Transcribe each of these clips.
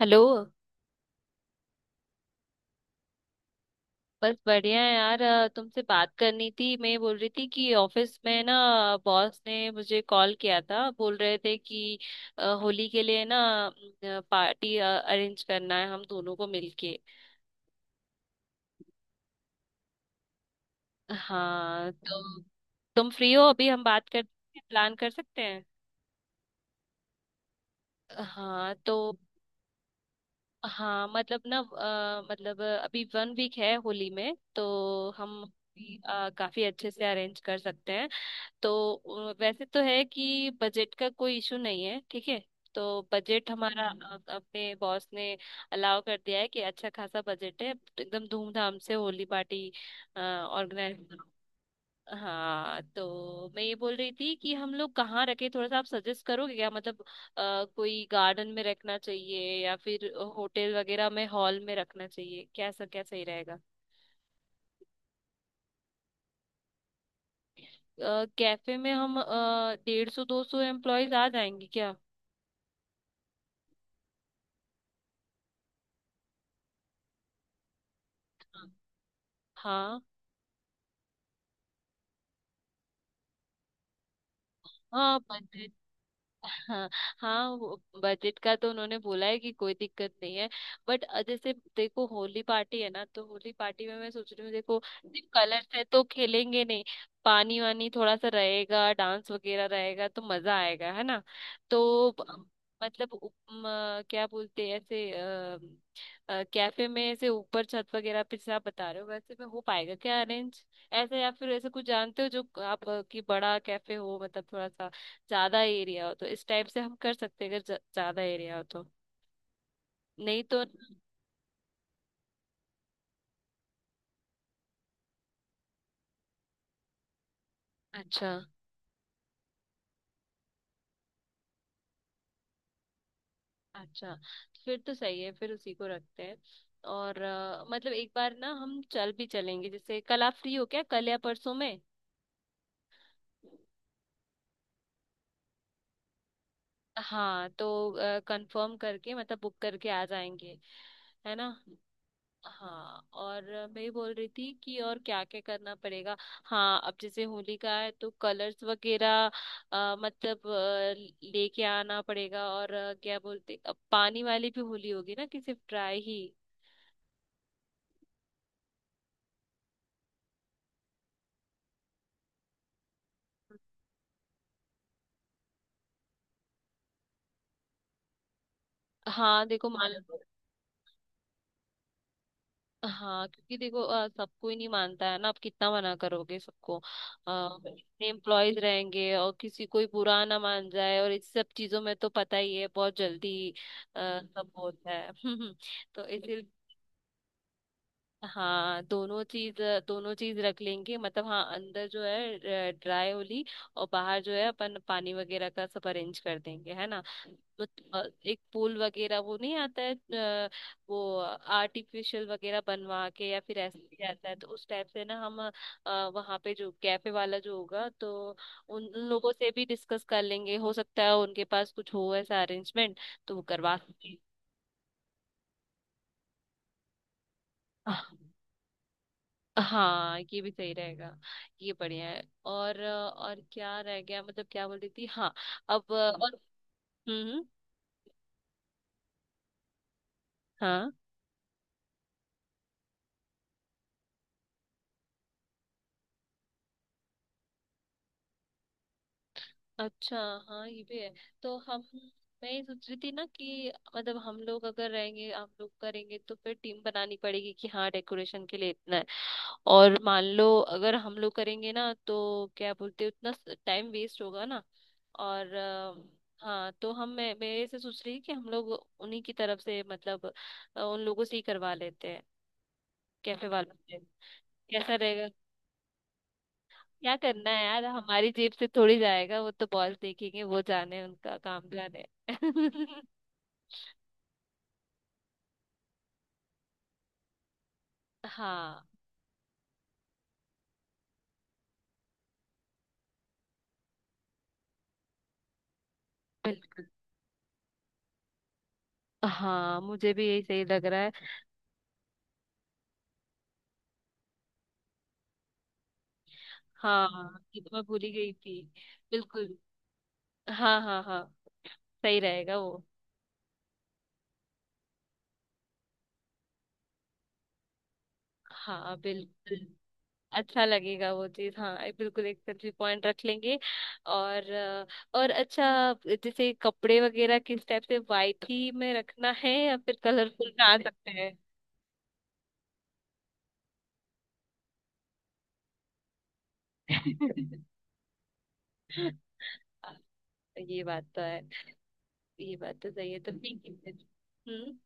Hello. बस बढ़िया है यार, तुमसे बात करनी थी। मैं बोल रही थी कि ऑफिस में ना, बॉस ने मुझे कॉल किया था, बोल रहे थे कि होली के लिए ना पार्टी अरेंज करना है हम दोनों को मिलके। हाँ तो तुम फ्री हो अभी? हम बात कर, प्लान कर सकते हैं। हाँ तो, हाँ मतलब ना, अभी 1 वीक है होली में तो हम अभी, काफी अच्छे से अरेंज कर सकते हैं। तो वैसे तो है कि बजट का कोई इशू नहीं है, ठीक है। तो बजट हमारा, अपने बॉस ने अलाउ कर दिया है कि अच्छा खासा बजट है, तो एकदम धूमधाम से होली पार्टी ऑर्गेनाइज करो। हाँ तो मैं ये बोल रही थी कि हम लोग कहाँ रखें, थोड़ा सा आप सजेस्ट करोगे क्या, मतलब कोई गार्डन में रखना चाहिए या फिर होटल वगैरह में हॉल में रखना चाहिए, कैसा, क्या सही रहेगा। कैफे में हम 150 200 एम्प्लॉयज आ जाएंगे क्या? हाँ, हाँ, बजट। हाँ, हाँ, बजट का तो उन्होंने बोला है कि कोई दिक्कत नहीं है। बट जैसे देखो होली पार्टी है ना, तो होली पार्टी में मैं सोच रही हूँ, देखो सिर्फ कलर से तो खेलेंगे नहीं, पानी वानी थोड़ा सा रहेगा, डांस वगैरह रहेगा तो मजा आएगा, है ना। तो ब- क्या बोलते हैं ऐसे, कैफे में ऐसे ऊपर छत वगैरह पे जैसे आप बता रहे हो वैसे में हो पाएगा क्या अरेंज ऐसे, या फिर ऐसे कुछ जानते हो जो आप कि बड़ा कैफे हो, मतलब थोड़ा सा ज्यादा एरिया हो, तो इस टाइप से हम कर सकते हैं, अगर ज्यादा एरिया हो तो, नहीं तो। अच्छा, अच्छा, फिर तो सही है, फिर उसी को रखते हैं। और मतलब एक बार ना हम चल भी चलेंगे, जैसे कल आप फ्री हो क्या, कल या परसों में। हाँ तो कंफर्म करके, मतलब बुक करके आ जाएंगे, है ना। हाँ, और मैं ये बोल रही थी कि और क्या क्या करना पड़ेगा। हाँ अब जैसे होली का है तो कलर्स वगैरह अ, मतलब अ, लेके आना पड़ेगा, और क्या बोलते, अब पानी वाली भी होली होगी ना, कि सिर्फ ड्राई ही। हाँ देखो, मान लो, हाँ क्योंकि देखो सबको ही नहीं मानता है ना, आप कितना मना करोगे, सबको, इतने एम्प्लॉयज रहेंगे और किसी कोई बुरा ना मान जाए, और इस सब चीजों में तो पता ही है बहुत जल्दी सब होता है तो इसीलिए हाँ, दोनों चीज, दोनों चीज रख लेंगे, मतलब हाँ, अंदर जो है ड्राई होली, और बाहर जो है अपन पानी वगैरह का सब अरेंज कर देंगे, है ना। एक पूल वगैरह वो नहीं आता है अ, वो आर्टिफिशियल वगैरह बनवा के या फिर ऐसे ही आता है, तो उस टाइप से ना हम वहाँ पे जो कैफे वाला जो होगा, तो उन उन लोगों से भी डिस्कस कर लेंगे, हो सकता है उनके पास कुछ हो ऐसा अरेंजमेंट तो वो करवा सकें। हाँ, ये भी सही रहेगा। ये बढ़िया है। और और क्या रह गया, मतलब क्या बोल रही थी, हाँ। अब और हम्म, हाँ अच्छा, हाँ ये भी है। तो हम, मैं ये सोच रही थी ना कि मतलब हम लोग अगर रहेंगे, हम लोग करेंगे तो फिर टीम बनानी पड़ेगी कि हाँ डेकोरेशन के लिए इतना है। और मान लो अगर हम लोग करेंगे ना तो क्या बोलते हैं, उतना टाइम वेस्ट होगा ना। और हाँ तो हम मैं मेरे से सोच रही कि हम लोग उन्हीं की तरफ से, मतलब उन लोगों से ही करवा लेते हैं, कैफे वालों से। कैसा रहेगा? क्या करना है यार, हमारी जेब से थोड़ी जाएगा, वो तो बॉस देखेंगे, वो जाने उनका काम जाने हाँ बिल्कुल। हाँ मुझे भी यही सही लग रहा है। हाँ ये तो मैं भूल ही गई थी। बिल्कुल, हाँ, हाँ, हाँ, सही रहेगा वो। हाँ बिल्कुल। अच्छा लगेगा वो चीज, हाँ, बिल्कुल एक सेल्फी पॉइंट रख लेंगे। और और अच्छा, जैसे कपड़े वगैरह किस टाइप से, वाइट ही में रखना है या फिर कलरफुल में आ सकते हैं। ये बात तो है। ये बात तो सही है, तो ठीक है फिर। हम्म।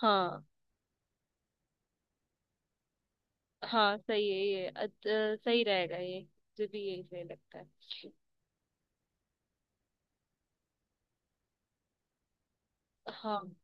हाँ, हाँ सही है ये, सही रहेगा ये, मुझे भी यही सही लगता है। हाँ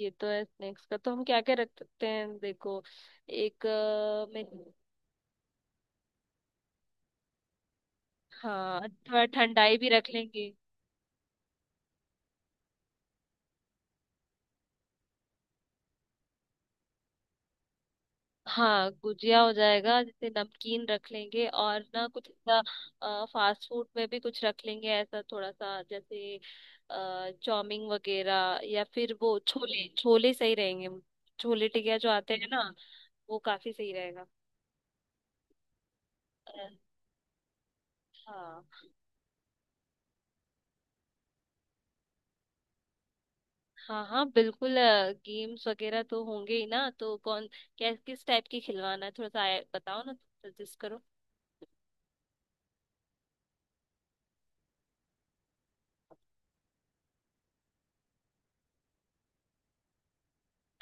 ये तो है, स्नैक्स का तो हम क्या क्या रख सकते हैं देखो, एक। हाँ थोड़ा ठंडाई भी रख लेंगे। हाँ गुजिया हो जाएगा, जैसे नमकीन रख लेंगे, और ना कुछ ऐसा फास्ट फूड में भी कुछ रख लेंगे ऐसा थोड़ा सा, जैसे चाउमीन वगैरह, या फिर वो छोले, छोले सही रहेंगे, छोले टिकिया जो आते हैं ना, वो काफी सही रहेगा। अ, हाँ। हाँ, हाँ बिल्कुल, गेम्स वगैरह तो होंगे ही ना। तो कौन, क्या, किस टाइप की खिलवाना है, थोड़ा सा बताओ ना, सजेस्ट करो।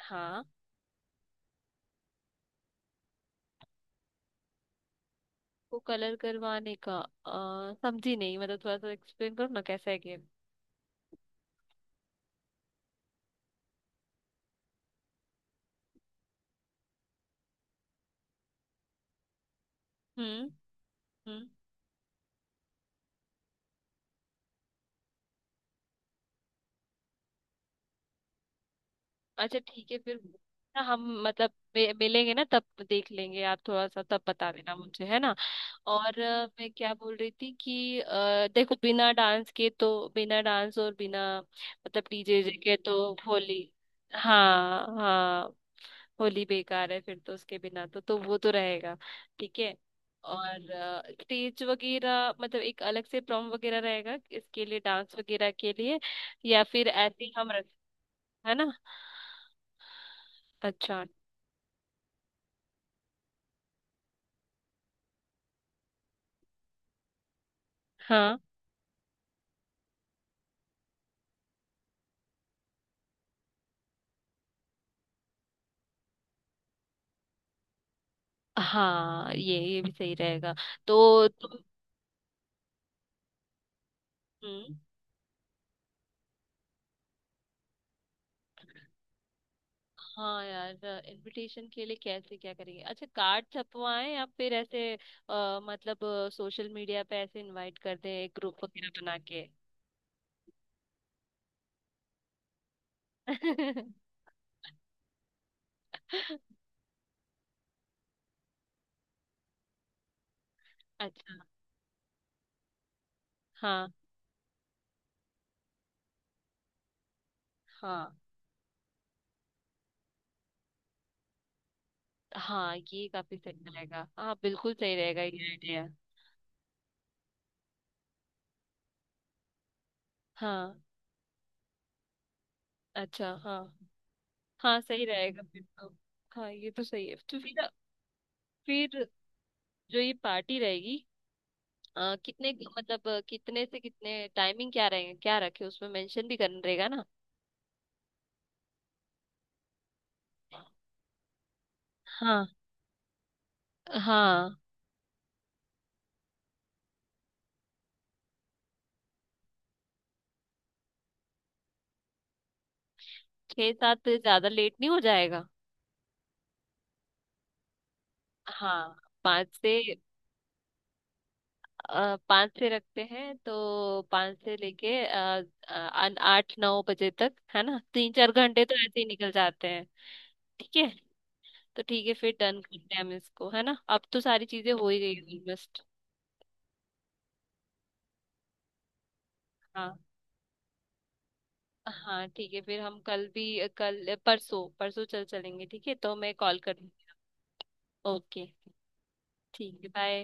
हाँ को कलर करवाने का? आ, समझी नहीं, मतलब थोड़ा सा एक्सप्लेन करो ना, कैसा है गेम। हम्म, हम्म। अच्छा ठीक है फिर, ना हम मतलब मिलेंगे ना तब देख लेंगे, आप थोड़ा सा तब बता देना मुझे, है ना। और मैं क्या बोल रही थी कि देखो बिना डांस के तो, बिना डांस और बिना मतलब डीजे के तो होली, हाँ, हाँ, होली बेकार है फिर तो, उसके बिना तो, तो वो तो रहेगा। ठीक है। और स्टेज वगैरह मतलब एक अलग से प्रॉम वगैरह रहेगा इसके लिए, डांस वगैरह के लिए, या फिर ऐसे ही हम रख, है ना। अच्छा, हाँ, हाँ ये भी सही रहेगा। तो तुम, हम्म। हाँ यार, इनविटेशन के लिए कैसे क्या करेंगे, अच्छा कार्ड छपवाएं या फिर ऐसे मतलब सोशल मीडिया पे ऐसे इनवाइट कर दें एक ग्रुप वगैरह बना के। अच्छा, हाँ, हाँ, हाँ, ये काफी सही रहेगा, हाँ बिल्कुल सही रहेगा ये आइडिया। हाँ। अच्छा हाँ। हाँ सही रहेगा फिर तो। हाँ ये तो सही है तो फिर। फिर जो ये पार्टी रहेगी कितने, मतलब कितने से कितने टाइमिंग क्या रहेगा, क्या रखे उसमें मेंशन भी करना रहेगा ना। हाँ। हाँ। 6 7 से ज्यादा लेट नहीं हो जाएगा? हाँ। 5 से, 5 से रखते हैं, तो 5 से लेके 8 9 बजे तक, है ना, 3 4 घंटे तो ऐसे ही निकल जाते हैं। ठीक है। तो ठीक है फिर, डन करते हैं हम इसको, है ना, अब तो सारी चीजें हो ही गई ऑलमोस्ट। हाँ। हाँ ठीक है फिर, हम कल भी, कल, परसों, परसों चल चलेंगे, ठीक है, तो मैं कॉल करूँगी। ओके, ठीक है, बाय।